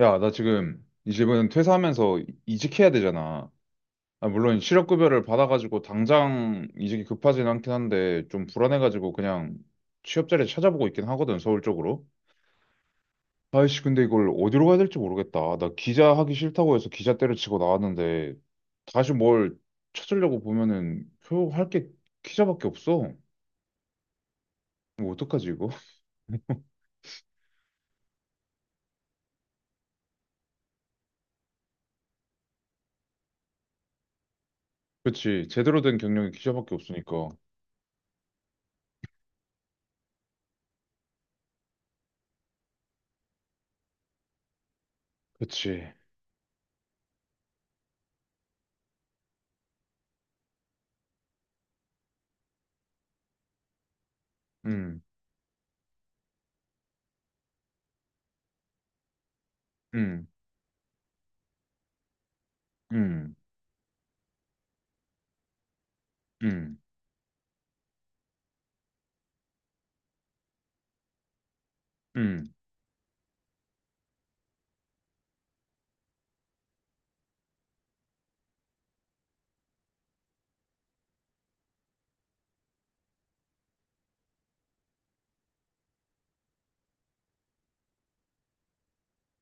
야, 나 지금 이집은 퇴사하면서 이직해야 되잖아. 아, 물론 실업급여를 받아가지고 당장 이직이 급하진 않긴 한데 좀 불안해가지고 그냥 취업 자리 찾아보고 있긴 하거든, 서울 쪽으로. 아이씨, 근데 이걸 어디로 가야 될지 모르겠다. 나 기자 하기 싫다고 해서 기자 때려치고 나왔는데 다시 뭘 찾으려고 보면은 할 게 기자밖에 없어. 뭐 어떡하지 이거? 그치, 제대로 된 경력이 기자밖에 없으니까. 그치. 음, 음, 음, 음, 음,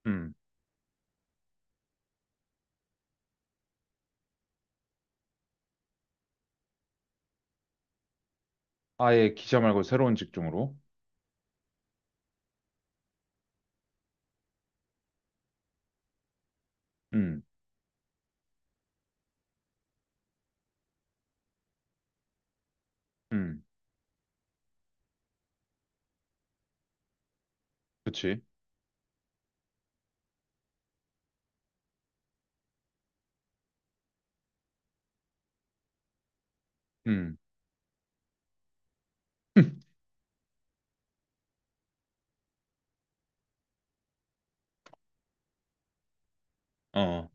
음. 아예 기자 말고 새로운 직종으로. 음, 음, 그치. 음, 어.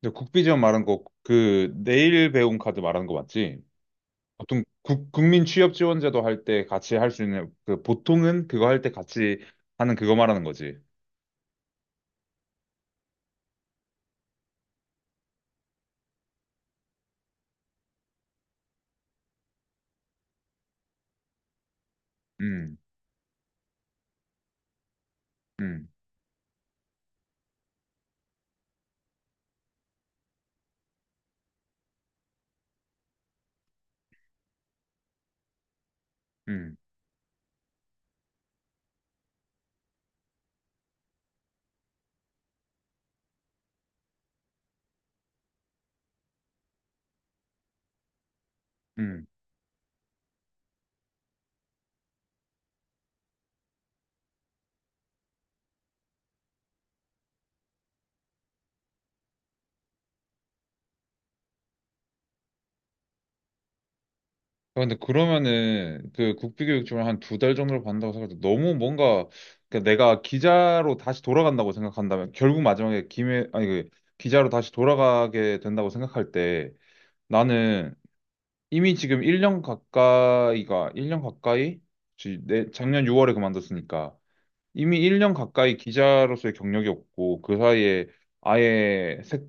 근데 국비지원 말한 거, 그, 내일 배움 카드 말하는 거 맞지? 보통 국민 취업 지원제도 할 때 같이 할 수 있는, 그, 보통은 그거 할 때 같이 하는 그거 말하는 거지. 음, 음, 음, 음. 아, 근데 그러면은 그 국비교육 지원 한두 달 정도를 받는다고 생각해도 너무 뭔가 그러니까 내가 기자로 다시 돌아간다고 생각한다면 결국 마지막에 김해 아니 그 기자로 다시 돌아가게 된다고 생각할 때 나는 이미 지금 1년 가까이? 작년 6월에 그만뒀으니까. 이미 1년 가까이 기자로서의 경력이 없고, 그 사이에 아예, 색,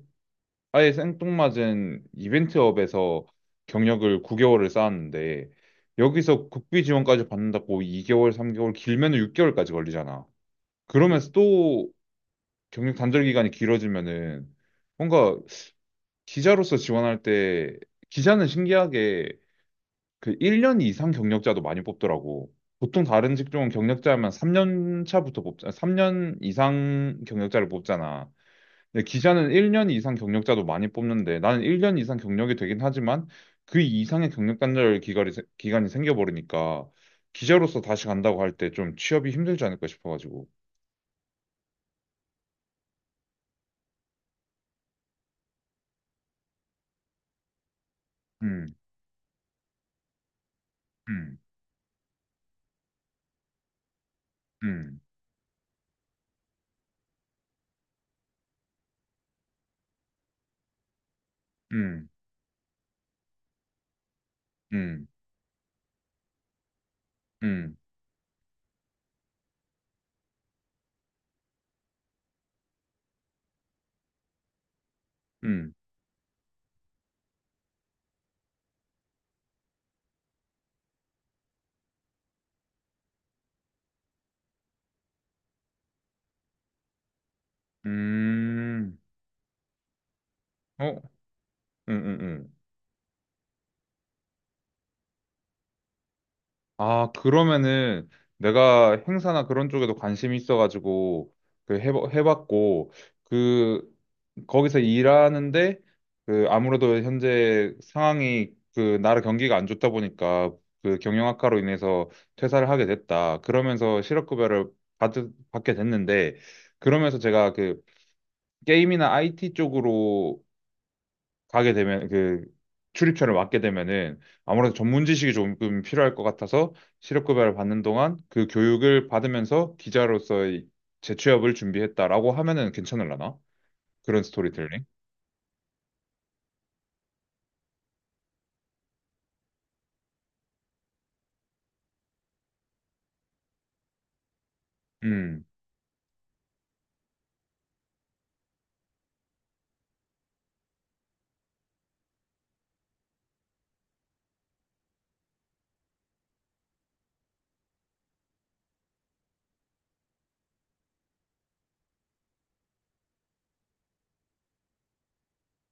아예 생뚱맞은 이벤트업에서 경력을 9개월을 쌓았는데, 여기서 국비 지원까지 받는다고 2개월, 3개월, 길면 6개월까지 걸리잖아. 그러면서 또 경력 단절 기간이 길어지면은, 뭔가 기자로서 지원할 때, 기자는 신기하게 그 1년 이상 경력자도 많이 뽑더라고. 보통 다른 직종은 경력자면 3년 차부터 뽑자, 3년 이상 경력자를 뽑잖아. 근데 기자는 1년 이상 경력자도 많이 뽑는데 나는 1년 이상 경력이 되긴 하지만 그 이상의 경력 단절 기간이, 기간이 생겨버리니까 기자로서 다시 간다고 할 때 좀 취업이 힘들지 않을까 싶어가지고. 음, 음, 음, 음, 음, 음, 음, 음, 어, 음, 음, 음. 아, 그러면은 내가 행사나 그런 쪽에도 관심이 있어가지고 그 해봤고 그 거기서 일하는데 그 아무래도 현재 상황이 그 나라 경기가 안 좋다 보니까 그 경영 악화로 인해서 퇴사를 하게 됐다. 그러면서 실업급여를 받, 받게 됐는데 그러면서 제가 그 게임이나 IT 쪽으로 가게 되면 그 출입처를 맡게 되면은 아무래도 전문 지식이 조금 필요할 것 같아서 실업급여를 받는 동안 그 교육을 받으면서 기자로서의 재취업을 준비했다라고 하면은 괜찮을라나? 그런 스토리텔링? 음.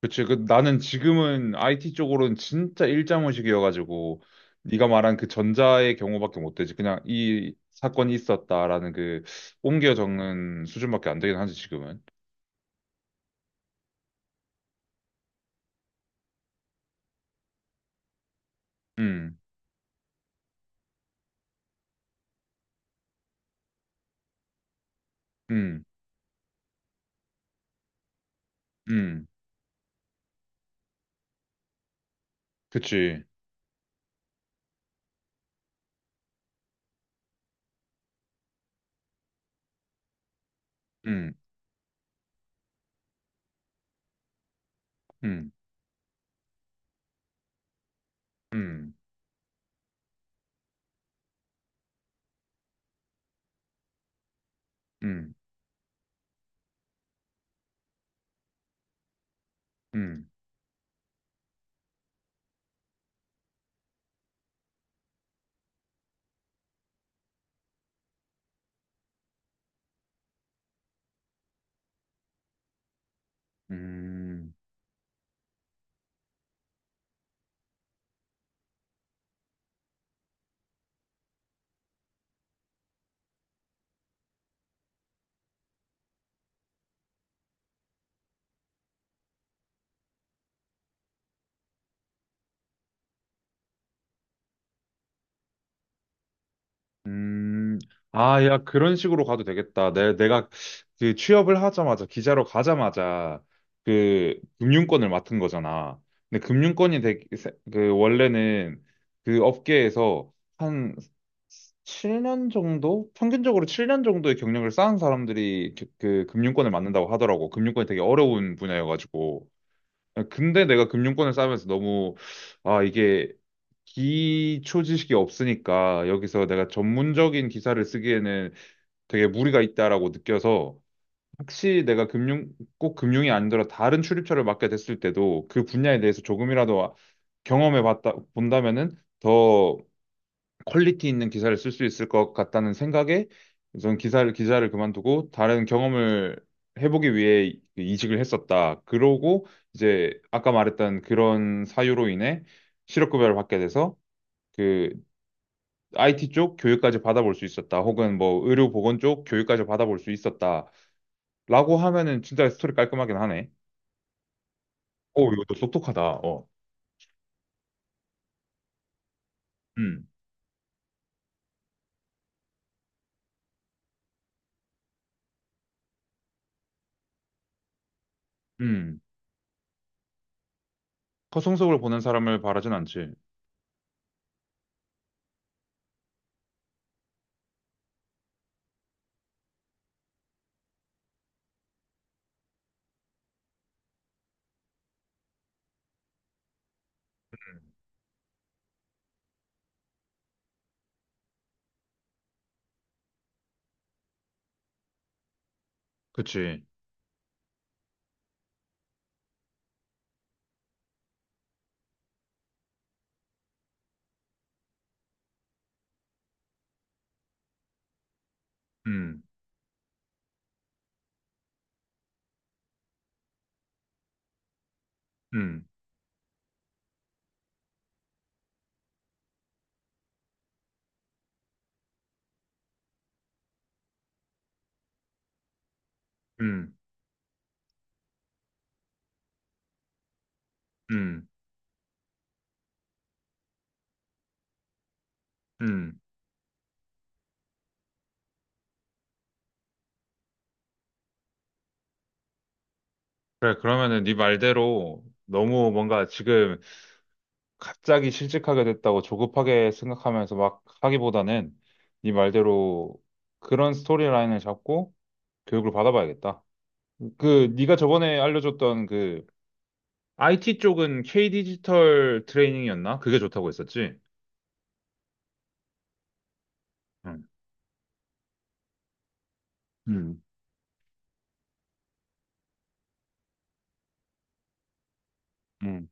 그치. 그 나는 지금은 IT 쪽으로는 진짜 일자무식이어가지고 네가 말한 그 전자의 경우밖에 못 되지. 그냥 이 사건이 있었다라는 그 옮겨 적는 수준밖에 안 되긴 하지 지금은. 음. 음. 음. 그치. 음. 음. 음, 음, 음, 음, 음. 아, 야, 그런 식으로 가도 되겠다. 내가 그 취업을 하자마자, 기자로 가자마자 그 금융권을 맡은 거잖아. 근데 금융권이 되게, 그 원래는 그 업계에서 한 7년 정도? 평균적으로 7년 정도의 경력을 쌓은 사람들이 그, 그 금융권을 맡는다고 하더라고. 금융권이 되게 어려운 분야여가지고. 아, 근데 내가 금융권을 쌓으면서 너무 아 이게 기초 지식이 없으니까 여기서 내가 전문적인 기사를 쓰기에는 되게 무리가 있다라고 느껴서 혹시 내가 금융 꼭 금융이 아니더라 도 다른 출입처를 맡게 됐을 때도 그 분야에 대해서 조금이라도 경험해 봤다 본다면은 더 퀄리티 있는 기사를 쓸 수 있을 것 같다는 생각에 저는 기사를 기자를 그만두고 다른 경험을 해보기 위해 이직을 했었다. 그러고 이제 아까 말했던 그런 사유로 인해 실업급여를 받게 돼서 그 IT 쪽 교육까지 받아볼 수 있었다. 혹은 뭐 의료보건 쪽 교육까지 받아볼 수 있었다. 라고 하면은 진짜 스토리 깔끔하긴 하네. 오, 이것도 똑똑하다. 어. 음, 음. 허송세을 보는 사람을 바라진 않지. 그치. 음, 음, 음, 음, 음. 그래, 그러면은 네 말대로 너무 뭔가 지금 갑자기 실직하게 됐다고 조급하게 생각하면서 막 하기보다는 네 말대로 그런 스토리라인을 잡고 교육을 받아봐야겠다. 그 네가 저번에 알려줬던 그 IT 쪽은 K 디지털 트레이닝이었나? 그게 좋다고 했었지? 응. 음. 응.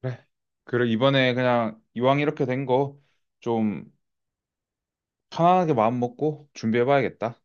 그래. 그래 이번에 그냥 이왕 이렇게 된 거 좀 편안하게 마음 먹고 준비해봐야겠다.